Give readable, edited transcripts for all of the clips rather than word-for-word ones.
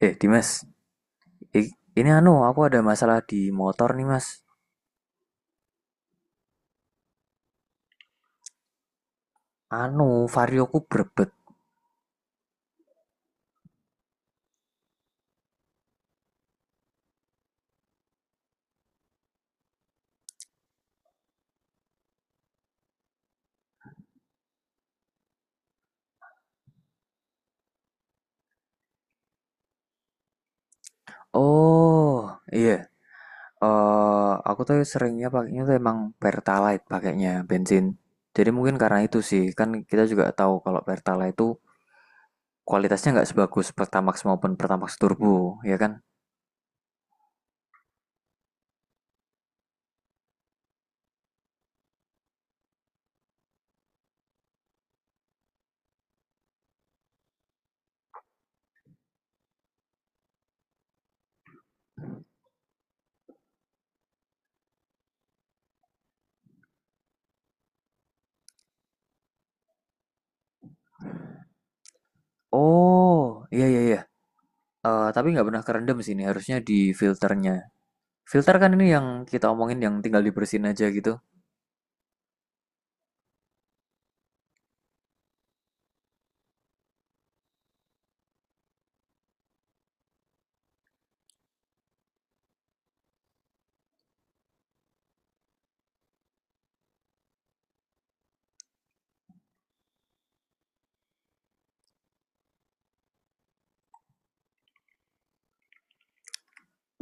Dimas, i- ini anu, aku ada masalah di motor nih, Mas. Anu, varioku berbet. Oh, iya. Aku tuh seringnya pakainya tuh emang Pertalite pakainya bensin. Jadi mungkin karena itu sih, kan kita juga tahu kalau Pertalite itu kualitasnya nggak sebagus Pertamax maupun Pertamax Turbo, ya kan? Oh, iya iya iya. Tapi nggak pernah kerendam sih ini, harusnya di filternya. Filter kan ini yang kita omongin yang tinggal dibersihin aja gitu.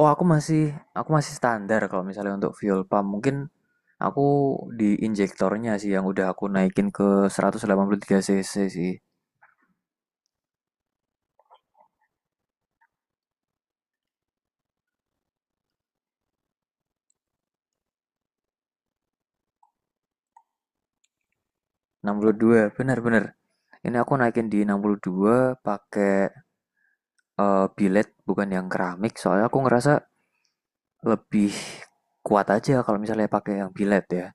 Oh, aku masih standar kalau misalnya untuk fuel pump. Mungkin aku di injektornya sih yang udah aku naikin ke 183 cc sih. 62, benar-benar. Ini aku naikin di 62 pakai billet bukan yang keramik soalnya aku ngerasa lebih kuat aja kalau misalnya pakai yang billet ya.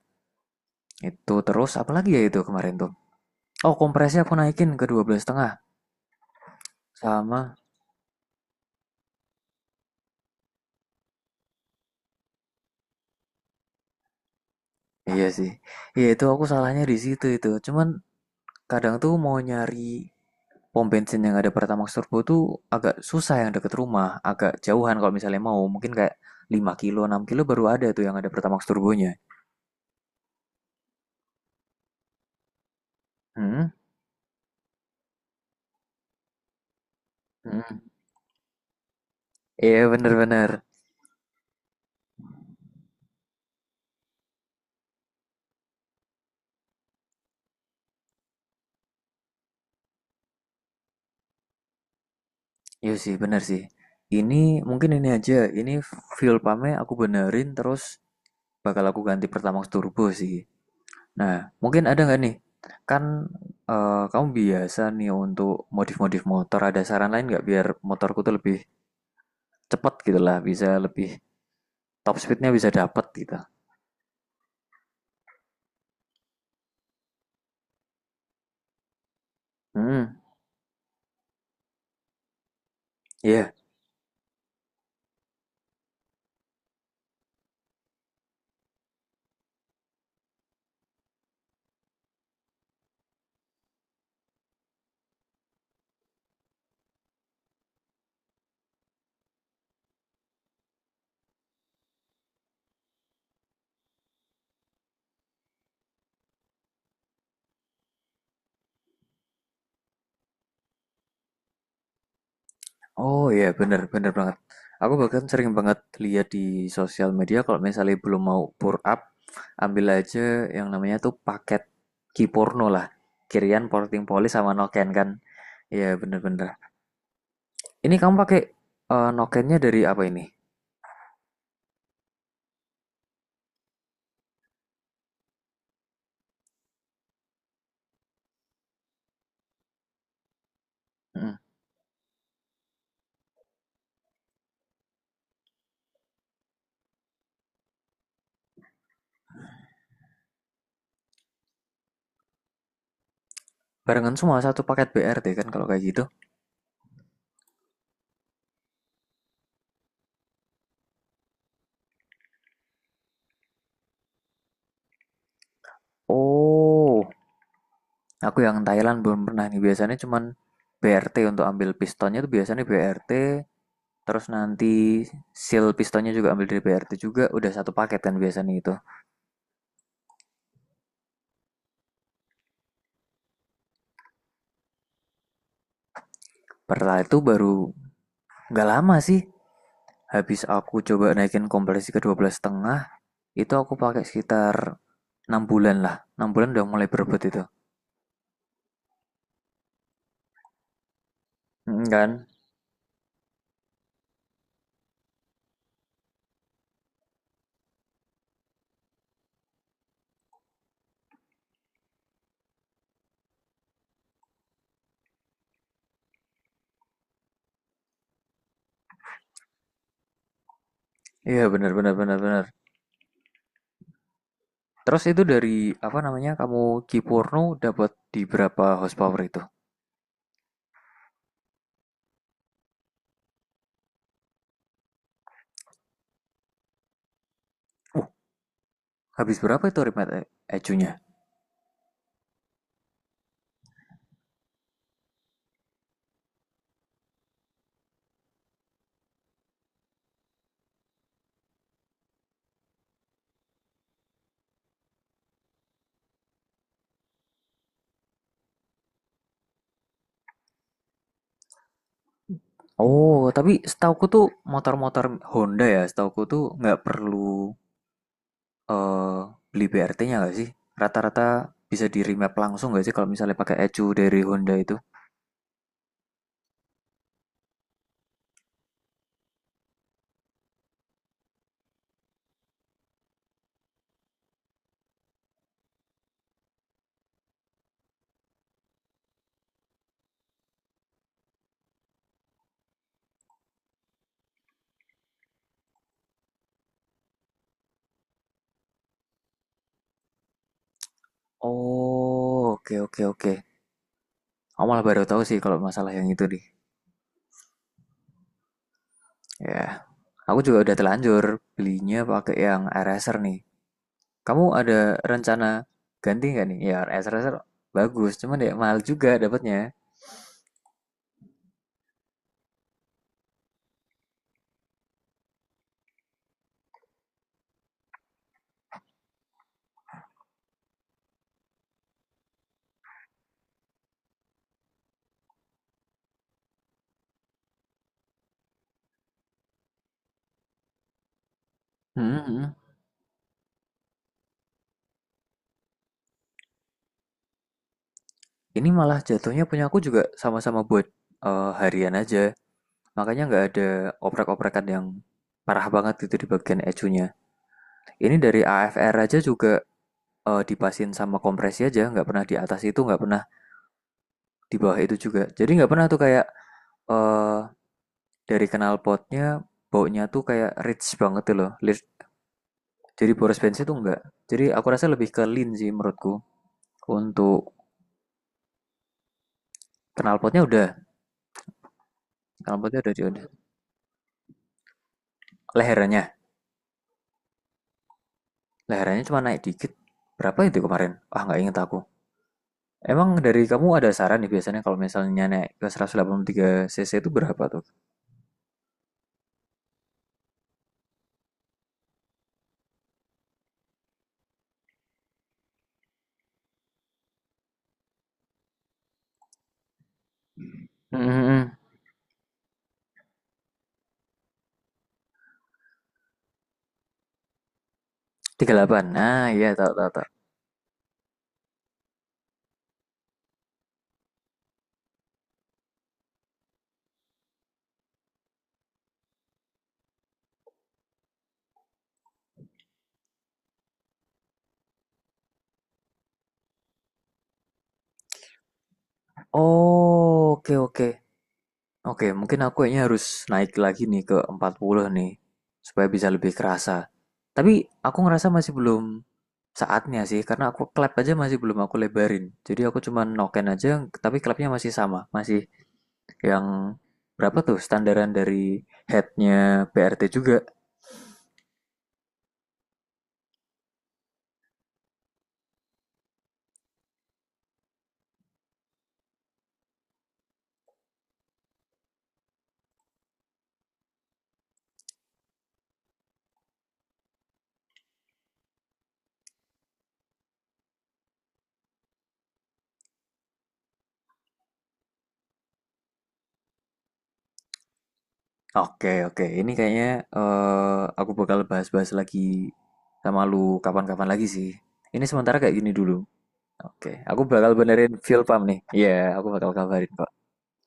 Itu terus apalagi ya itu kemarin tuh. Oh, kompresnya aku naikin ke 12 setengah sama. Iya sih. Iya itu aku salahnya di situ itu. Cuman kadang tuh mau nyari pom bensin yang ada Pertamax Turbo tuh agak susah yang deket rumah, agak jauhan kalau misalnya mau. Mungkin kayak 5 kilo, 6 kilo baru ada tuh yang ada Pertamax Turbonya. Hmm? Hmm. Iya bener-bener. Iya sih, bener sih. Ini mungkin ini aja, ini fuel pumpnya aku benerin terus bakal aku ganti Pertamax Turbo sih. Nah, mungkin ada nggak nih? Kan kamu biasa nih untuk modif-modif motor, ada saran lain nggak biar motorku tuh lebih cepat gitu lah, bisa lebih top speednya bisa dapat gitu. Hmm, iya. Yeah. Oh iya, yeah, bener, bener banget. Aku bahkan sering banget lihat di sosial media kalau misalnya belum mau pour up, ambil aja yang namanya tuh paket kiporno lah. Kirian Porting Polis sama Noken kan. Iya, yeah, bener-bener. Ini kamu pakai Nokennya dari apa ini? Hmm. Barengan semua satu paket BRT kan kalau kayak gitu. Oh, aku yang Thailand belum pernah nih. Biasanya cuman BRT untuk ambil pistonnya tuh biasanya BRT. Terus nanti seal pistonnya juga ambil dari BRT juga. Udah satu paket kan biasanya itu. Setelah itu baru nggak lama sih. Habis aku coba naikin kompresi ke 12 setengah, itu aku pakai sekitar 6 bulan lah. 6 bulan udah mulai berebut itu. Mm, kan? Iya bener bener bener bener. Terus itu dari apa namanya kamu Kipurno dapat di berapa horsepower itu? Uh, Habis berapa itu ecunya? Oh, tapi setauku tuh motor-motor Honda ya, setauku tuh nggak perlu eh, beli BRT-nya nggak sih? Rata-rata bisa di remap langsung nggak sih kalau misalnya pakai ecu dari Honda itu? Oh, oke oke oke. Aku malah baru tahu sih kalau masalah yang itu nih. Ya, aku juga udah telanjur belinya pakai yang RSR nih. Kamu ada rencana ganti nggak nih? Ya, RSR bagus, cuman ya mahal juga dapatnya. Hmm. Hmm. Ini malah jatuhnya punya aku juga sama-sama buat harian aja. Makanya nggak ada oprek-oprekan yang parah banget gitu di bagian ecunya. Ini dari AFR aja juga dipasin sama kompresi aja, nggak pernah di atas itu, nggak pernah di bawah itu juga. Jadi nggak pernah tuh kayak eh dari knalpotnya baunya tuh kayak rich banget tuh loh. Jadi boros bensin tuh nggak. Jadi aku rasa lebih ke lean sih menurutku. Untuk knalpotnya udah, knalpotnya udah lehernya. Lehernya cuma naik dikit. Berapa itu kemarin? Ah, nggak inget aku. Emang dari kamu ada saran nih biasanya kalau misalnya naik ke 183 cc itu berapa tuh? Hmm, 38. Nah, iya tahu tahu tahu. Oh, oke oke. Oke, mungkin aku kayaknya harus naik lagi nih ke 40 nih supaya bisa lebih kerasa. Tapi aku ngerasa masih belum saatnya sih karena aku klep aja masih belum aku lebarin. Jadi aku cuma noken aja tapi klepnya masih sama, yang berapa tuh standaran dari headnya BRT juga? Oke, oke. Ini kayaknya aku bakal bahas-bahas lagi sama lu kapan-kapan lagi sih. Ini sementara kayak gini dulu. Oke, aku bakal benerin fuel pump nih. Iya, aku bakal kabarin kok.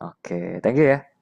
Oke, thank you ya.